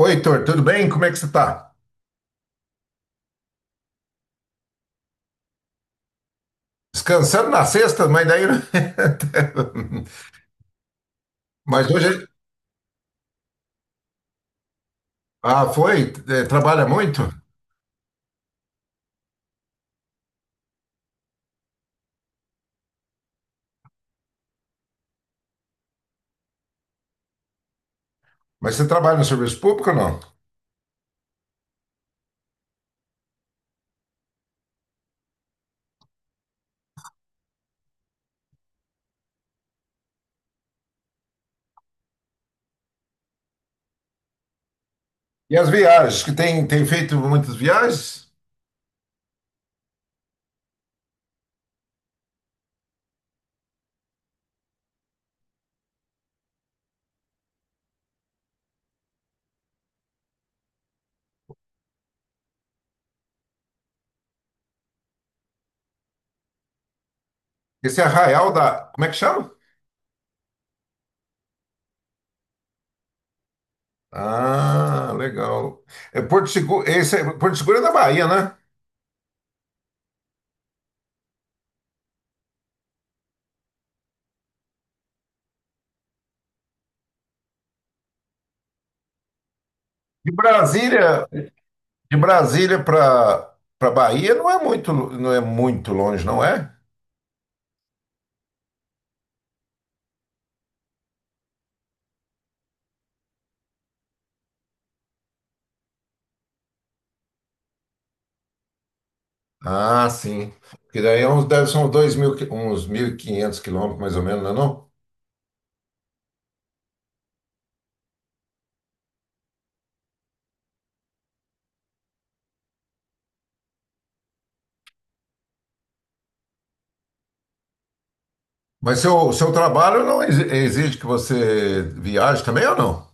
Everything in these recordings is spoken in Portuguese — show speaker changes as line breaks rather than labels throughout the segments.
Oi, Heitor, tudo bem? Como é que você está? Descansando na sexta, mas daí. Mas hoje. Ah, foi? Trabalha muito? Mas você trabalha no serviço público ou não? E as viagens? Que tem feito muitas viagens? Esse Arraial da. Como é que chama? Ah, legal. É Porto Seguro. Porto Seguro é da Bahia, né? De Brasília, de Brasília para Bahia não é muito longe, não é? Ah, sim. Porque daí é uns, deve ser uns 2.000, uns 1.500 quilômetros, mais ou menos, não é não? Mas seu trabalho não exige que você viaje também ou não?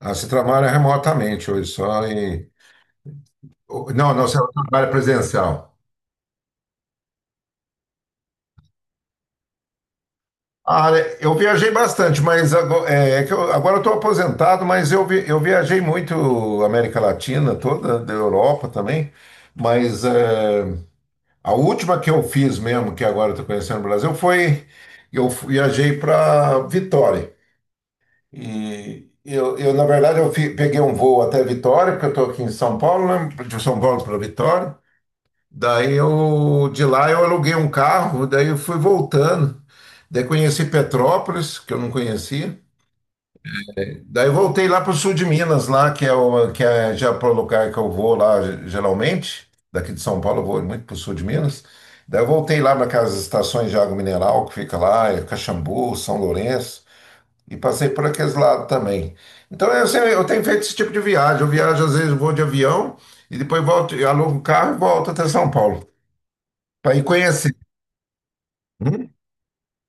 Ah, você trabalha remotamente hoje só. Não, não, você trabalha presencial. Ah, né, eu viajei bastante, mas agora, é que eu, agora eu estou aposentado, mas eu viajei muito América Latina toda, da Europa também, mas... eh, a última que eu fiz mesmo, que agora eu estou conhecendo o Brasil, foi eu viajei para Vitória. E eu, na verdade, peguei um voo até Vitória, porque eu estou aqui em São Paulo, né? De São Paulo para Vitória. Daí de lá eu aluguei um carro, daí eu fui voltando. Daí conheci Petrópolis, que eu não conhecia. Daí eu voltei lá para o sul de Minas, lá, que é já para o lugar que eu vou lá geralmente. Daqui de São Paulo eu vou muito para o sul de Minas. Daí eu voltei lá para aquelas estações de água mineral que fica lá, é Caxambu, São Lourenço, e passei por aqueles lados também. Então eu tenho feito esse tipo de viagem. Eu viajo, às vezes, vou de avião e depois volto, eu alugo um carro e volto até São Paulo para ir conhecer. Hum?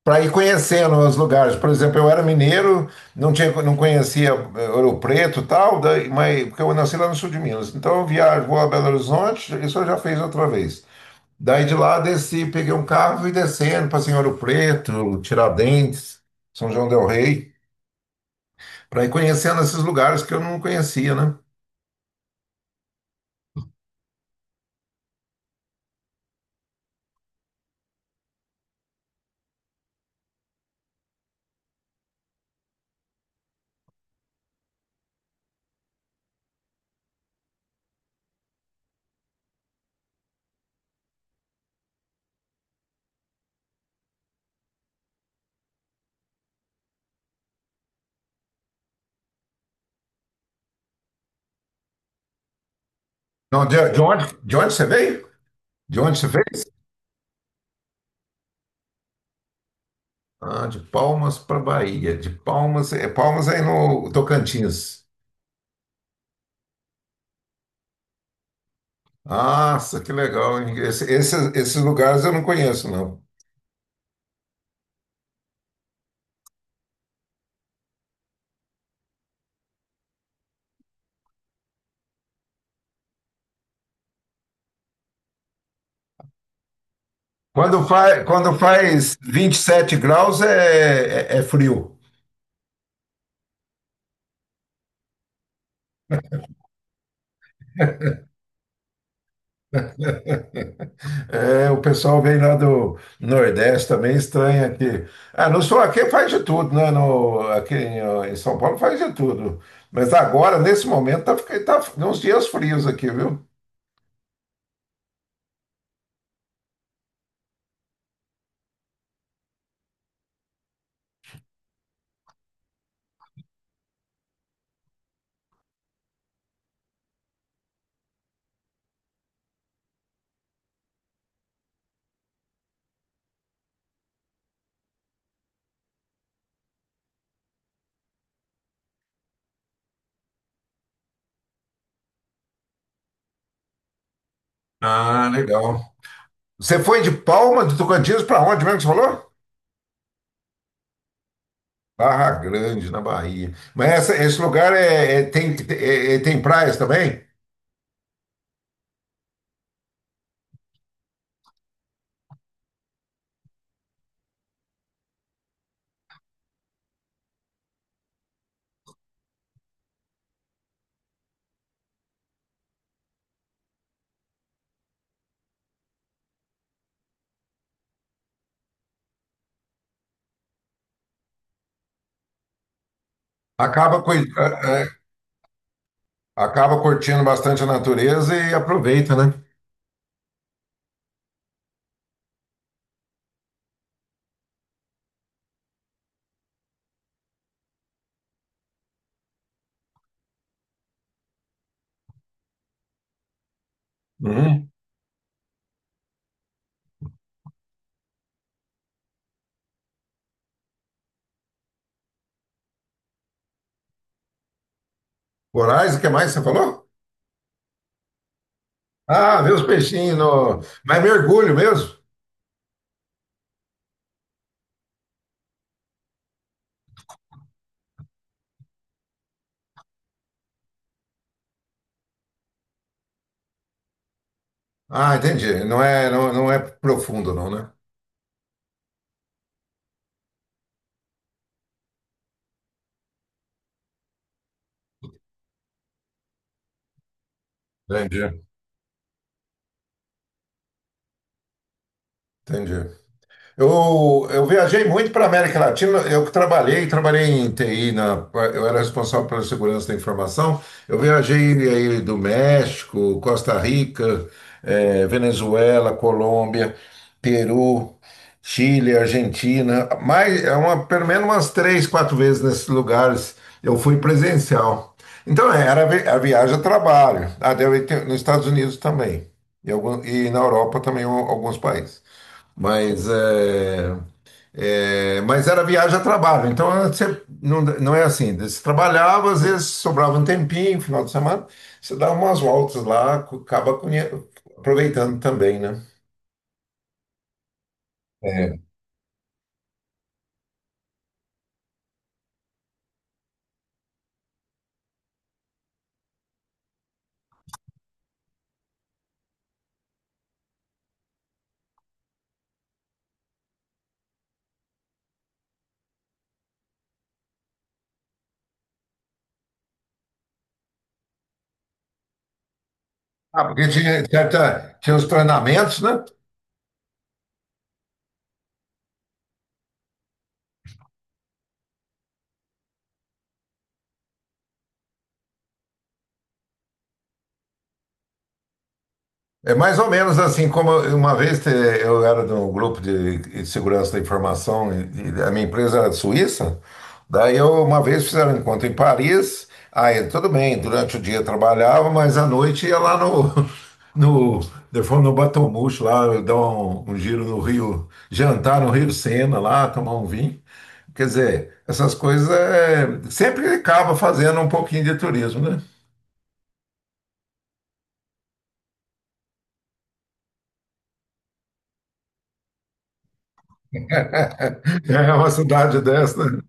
Para ir conhecendo os lugares. Por exemplo, eu era mineiro, não conhecia Ouro Preto e tal, mas, porque eu nasci lá no sul de Minas. Então eu viajo, vou a Belo Horizonte, isso eu já fiz outra vez. Daí de lá desci, peguei um carro e descendo para Ouro Preto, Tiradentes, São João del Rei, para ir conhecendo esses lugares que eu não conhecia, né? Não, de onde você veio? De onde você veio? Ah, de Palmas para Bahia. De Palmas, Palmas é aí no Tocantins. Nossa, que legal, hein? Esses lugares eu não conheço, não. Quando faz 27 graus é frio. É, o pessoal vem lá do Nordeste também, estranha aqui. Ah, no sul aqui faz de tudo, né? No, Aqui em, ó, em São Paulo faz de tudo. Mas agora, nesse momento, tá uns dias frios aqui, viu? Ah, legal. Você foi de Palma, de Tocantins, para onde mesmo que você falou? Barra Grande, na Bahia. Mas esse lugar tem praias também? Acaba, coi- a- acaba curtindo bastante a natureza e aproveita, né? Uhum. Corais, o que mais você falou? Ah, vê os peixinhos. Mas mergulho mesmo? Ah, entendi. Não é profundo, não, né? Entendi, entendi. Eu viajei muito para a América Latina. Eu trabalhei em TI, eu era responsável pela segurança da informação. Eu viajei aí do México, Costa Rica, Venezuela, Colômbia, Peru, Chile, Argentina. Mais, é uma, pelo menos umas três, quatro vezes nesses lugares eu fui presencial. Então, era a viagem a trabalho. Ah, nos Estados Unidos também. E, e na Europa também alguns países. Mas, é, mas era viagem a trabalho, então você, não, não é assim. Você trabalhava, às vezes sobrava um tempinho, final de semana, você dá umas voltas lá, acaba aproveitando também, né? É. Ah, porque tinha os treinamentos, né? É mais ou menos assim, como uma vez eu era de um grupo de segurança da informação e a minha empresa era de Suíça, daí eu uma vez fizeram um encontro em Paris, aí tudo bem, durante o dia eu trabalhava, mas à noite ia lá no, de forma no Baton Mouche, lá eu dar um giro no Rio, jantar no Rio Sena lá, tomar um vinho. Quer dizer, essas coisas sempre acaba fazendo um pouquinho de turismo, né? É uma cidade dessa, né?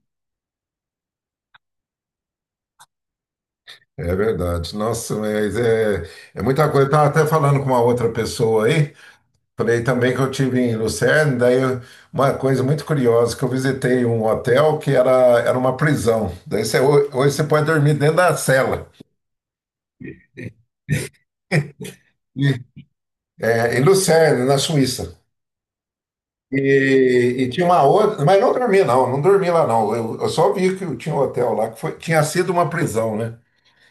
É verdade. Nossa, mas é muita coisa. Eu estava até falando com uma outra pessoa aí. Falei também que eu tive em Lucerne. Daí uma coisa muito curiosa, que eu visitei um hotel que era uma prisão. Daí hoje você pode dormir dentro da cela. E, em Lucerne, na Suíça. E tinha uma outra, mas não dormi não, não dormi lá não. Eu só vi que tinha um hotel lá que tinha sido uma prisão, né?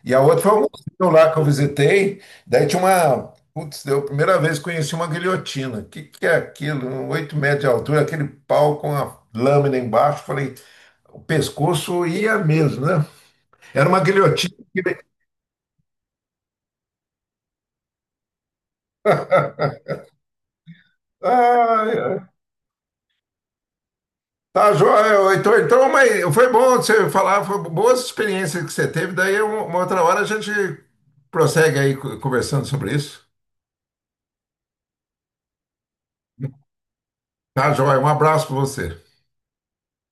E a outra foi um museu lá que eu visitei. Daí tinha uma. Putz, eu a primeira vez que conheci uma guilhotina. O que, que é aquilo? 8 metros de altura, aquele pau com a lâmina embaixo. Falei, o pescoço ia mesmo, né? Era uma guilhotina. Ai, tá, joia, ô. Então, mas foi bom você falar, foi boas experiências que você teve. Daí, uma outra hora, a gente prossegue aí conversando sobre isso. Tá, joia. Um abraço para você.